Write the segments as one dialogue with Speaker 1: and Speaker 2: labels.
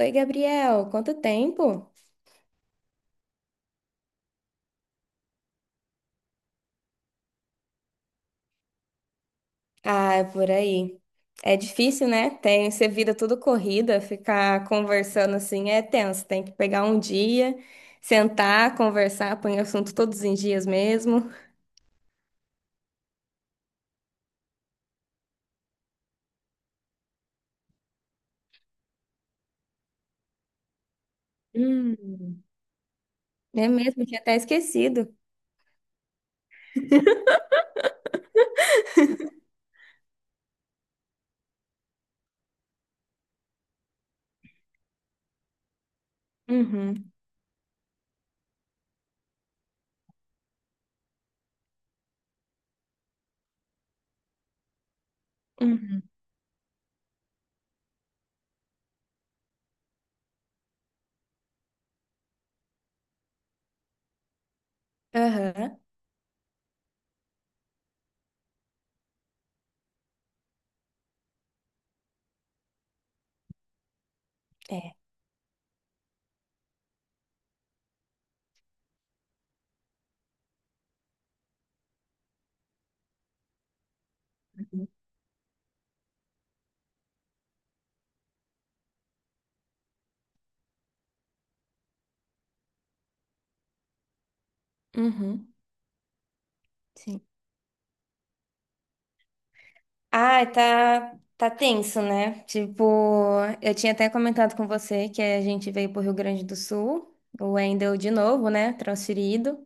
Speaker 1: Oi, Gabriel, quanto tempo? Ah, é por aí. É difícil, né? Tem ser vida tudo corrida, ficar conversando assim é tenso. Tem que pegar um dia, sentar, conversar, põe assunto todos os dias mesmo. Hum. É mesmo, tinha até esquecido. Uhum. Uhum. Aham. É. Uhum. Ah, tá, tá tenso, né? Tipo, eu tinha até comentado com você que a gente veio pro Rio Grande do Sul, o Wendel de novo, né? Transferido.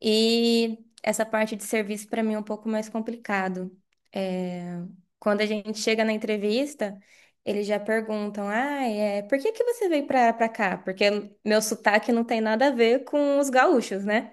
Speaker 1: E essa parte de serviço para mim é um pouco mais complicado. É, quando a gente chega na entrevista, eles já perguntam: ah, é, por que que você veio pra cá? Porque meu sotaque não tem nada a ver com os gaúchos, né?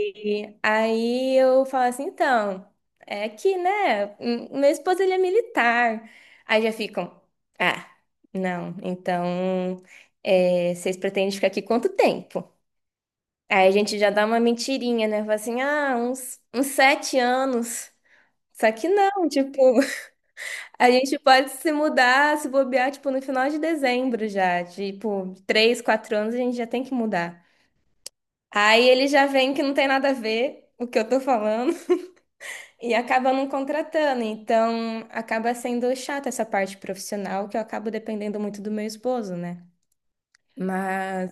Speaker 1: E aí eu falo assim, então, é aqui, né? Meu esposo, ele é militar. Aí já ficam, ah, não, então, é, vocês pretendem ficar aqui quanto tempo? Aí a gente já dá uma mentirinha, né? Fala assim, ah, uns 7 anos. Só que não, tipo, a gente pode se mudar, se bobear, tipo, no final de dezembro já. Tipo, 3, 4 anos a gente já tem que mudar. Aí ele já vem que não tem nada a ver o que eu tô falando. E acaba não contratando, então acaba sendo chata essa parte profissional que eu acabo dependendo muito do meu esposo, né? Mas,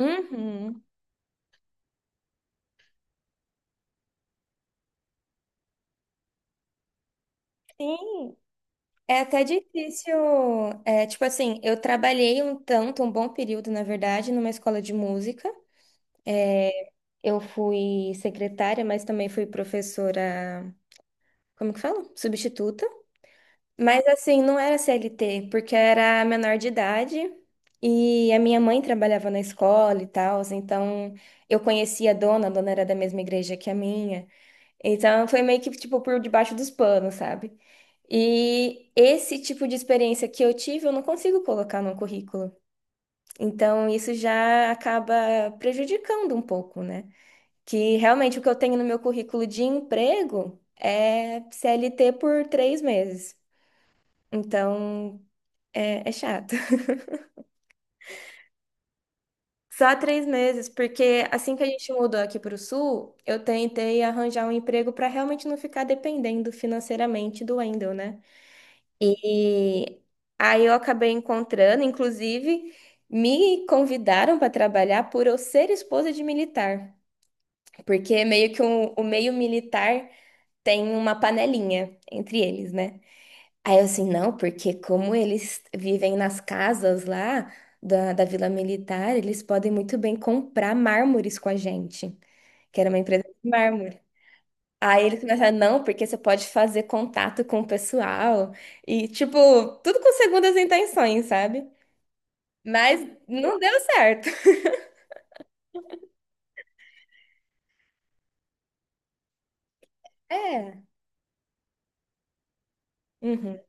Speaker 1: uhum, sim, é até difícil. É, tipo assim, eu trabalhei um tanto, um bom período, na verdade, numa escola de música. Eu fui secretária, mas também fui professora, como que fala? Substituta. Mas assim, não era CLT, porque era menor de idade e a minha mãe trabalhava na escola e tal, então eu conhecia a dona era da mesma igreja que a minha. Então foi meio que tipo por debaixo dos panos, sabe? E esse tipo de experiência que eu tive, eu não consigo colocar no currículo. Então isso já acaba prejudicando um pouco, né? Que realmente o que eu tenho no meu currículo de emprego é CLT por 3 meses. Então, é chato. Só 3 meses, porque assim que a gente mudou aqui para o sul, eu tentei arranjar um emprego para realmente não ficar dependendo financeiramente do Wendel, né? E aí eu acabei encontrando, inclusive, me convidaram para trabalhar por eu ser esposa de militar, porque meio que o meio militar tem uma panelinha entre eles, né? Aí eu assim, não, porque como eles vivem nas casas lá da Vila Militar, eles podem muito bem comprar mármores com a gente, que era uma empresa de mármore. Aí eles começaram, não, porque você pode fazer contato com o pessoal e, tipo, tudo com segundas intenções, sabe? Mas não deu certo. É. Uhum.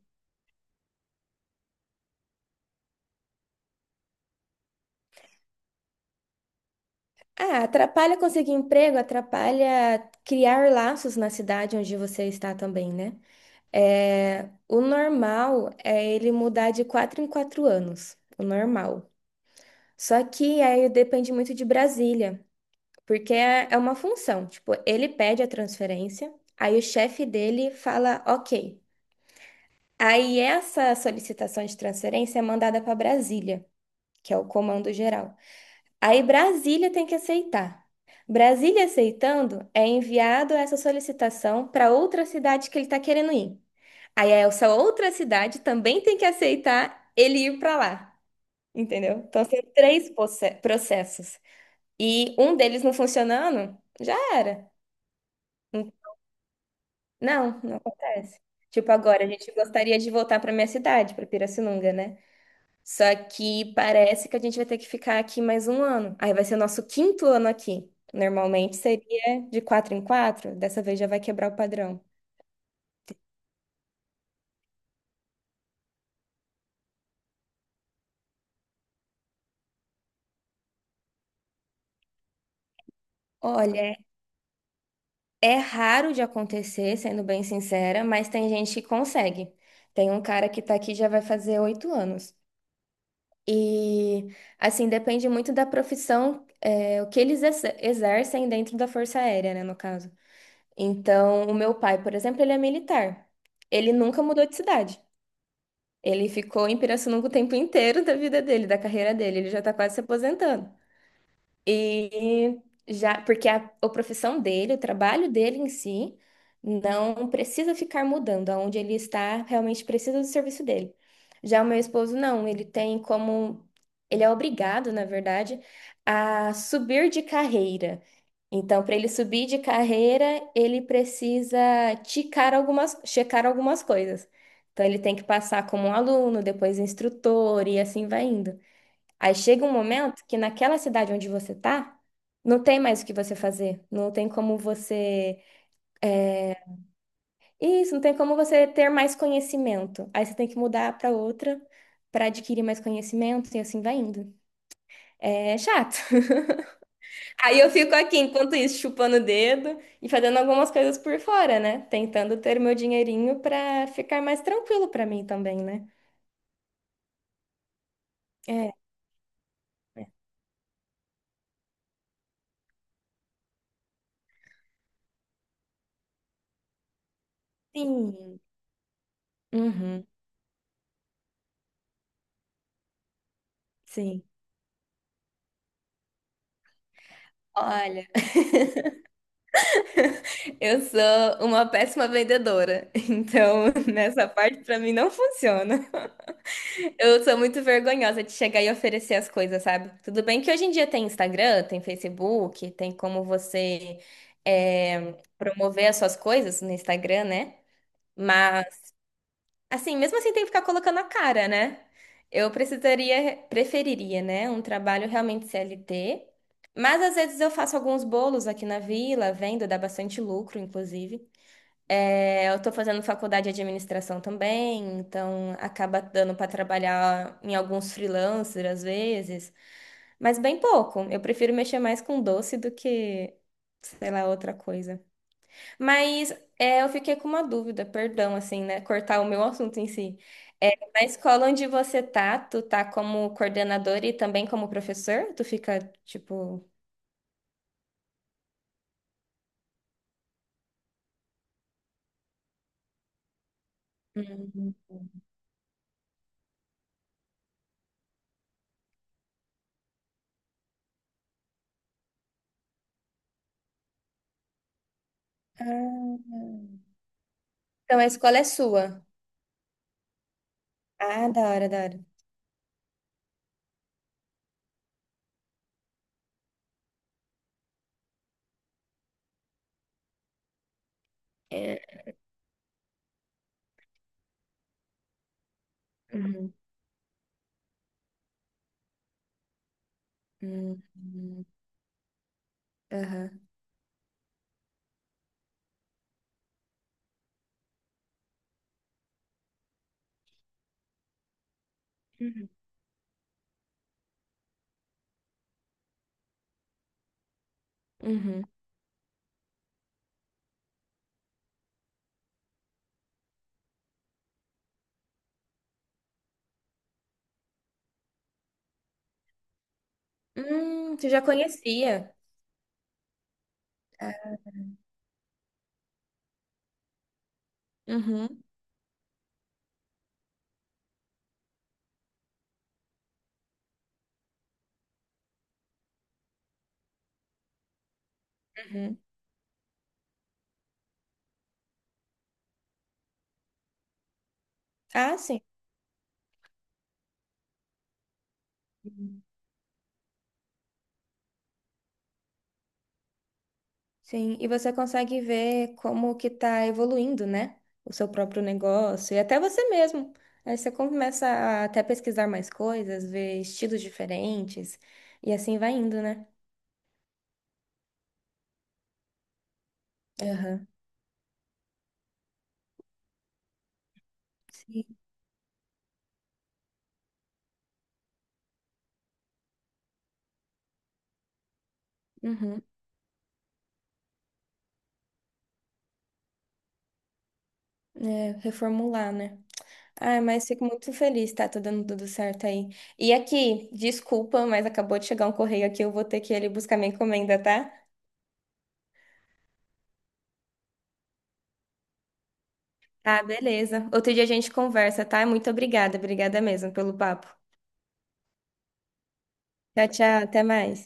Speaker 1: Ah, atrapalha conseguir emprego, atrapalha criar laços na cidade onde você está também, né? É, o normal é ele mudar de 4 em 4 anos, o normal. Só que aí depende muito de Brasília, porque é uma função. Tipo, ele pede a transferência, aí o chefe dele fala ok. Aí essa solicitação de transferência é mandada para Brasília, que é o comando geral. Aí Brasília tem que aceitar. Brasília aceitando, é enviado essa solicitação para outra cidade que ele está querendo ir. Aí é essa outra cidade também tem que aceitar ele ir para lá, entendeu? Então são três processos. E um deles não funcionando, já era. Não, não acontece. Tipo, agora a gente gostaria de voltar para minha cidade, para Pirassununga, né? Só que parece que a gente vai ter que ficar aqui mais um ano. Aí vai ser o nosso quinto ano aqui. Normalmente seria de 4 em 4, dessa vez já vai quebrar o padrão. Olha, é raro de acontecer, sendo bem sincera, mas tem gente que consegue. Tem um cara que tá aqui já vai fazer 8 anos. E, assim, depende muito da profissão, é, o que eles exercem dentro da Força Aérea, né, no caso. Então, o meu pai, por exemplo, ele é militar. Ele nunca mudou de cidade. Ele ficou em Pirassununga o tempo inteiro da vida dele, da carreira dele. Ele já tá quase se aposentando. E já, porque a profissão dele, o trabalho dele em si, não precisa ficar mudando. Aonde ele está, realmente precisa do serviço dele. Já o meu esposo, não, ele tem como. Ele é obrigado, na verdade, a subir de carreira. Então, para ele subir de carreira, ele precisa checar algumas coisas. Então, ele tem que passar como um aluno, depois instrutor, e assim vai indo. Aí chega um momento que naquela cidade onde você tá, não tem mais o que você fazer, não tem como você. Isso, não tem como você ter mais conhecimento. Aí você tem que mudar para outra para adquirir mais conhecimento e assim vai indo. É chato. Aí eu fico aqui, enquanto isso, chupando o dedo e fazendo algumas coisas por fora, né? Tentando ter meu dinheirinho para ficar mais tranquilo para mim também, né? É. Sim. Uhum. Sim. Olha. Eu sou uma péssima vendedora, então nessa parte pra mim não funciona. Eu sou muito vergonhosa de chegar e oferecer as coisas, sabe? Tudo bem que hoje em dia tem Instagram, tem Facebook, tem como você é, promover as suas coisas no Instagram, né? Mas assim, mesmo assim tem que ficar colocando a cara, né? Eu precisaria, preferiria, né, um trabalho realmente CLT. Mas às vezes eu faço alguns bolos aqui na vila, vendo, dá bastante lucro, inclusive. É, eu estou fazendo faculdade de administração também, então acaba dando para trabalhar em alguns freelancers às vezes, mas bem pouco. Eu prefiro mexer mais com doce do que, sei lá, outra coisa. Mas é, eu fiquei com uma dúvida, perdão, assim, né? Cortar o meu assunto em si. É, na escola onde você tá, tu tá como coordenador e também como professor? Tu fica, tipo... Hum. Ah. Então a escola é sua. Ah, da hora, da hora. Uhum. Uhum. Uhum. Aham. Uhum. Uhum. Tu já conhecia. Uhum. Uhum. Ah, sim. Uhum. Sim, e você consegue ver como que tá evoluindo, né? O seu próprio negócio e até você mesmo. Aí você começa a até pesquisar mais coisas, ver estilos diferentes e assim vai indo, né? Aham. Sim. Uhum. É, reformular, né? Ai, mas fico muito feliz, tá? Tá dando tudo certo aí. E aqui, desculpa, mas acabou de chegar um correio aqui, eu vou ter que ir ali buscar minha encomenda, tá? Tá, beleza. Outro dia a gente conversa, tá? Muito obrigada, obrigada mesmo pelo papo. Tchau, tchau, até mais.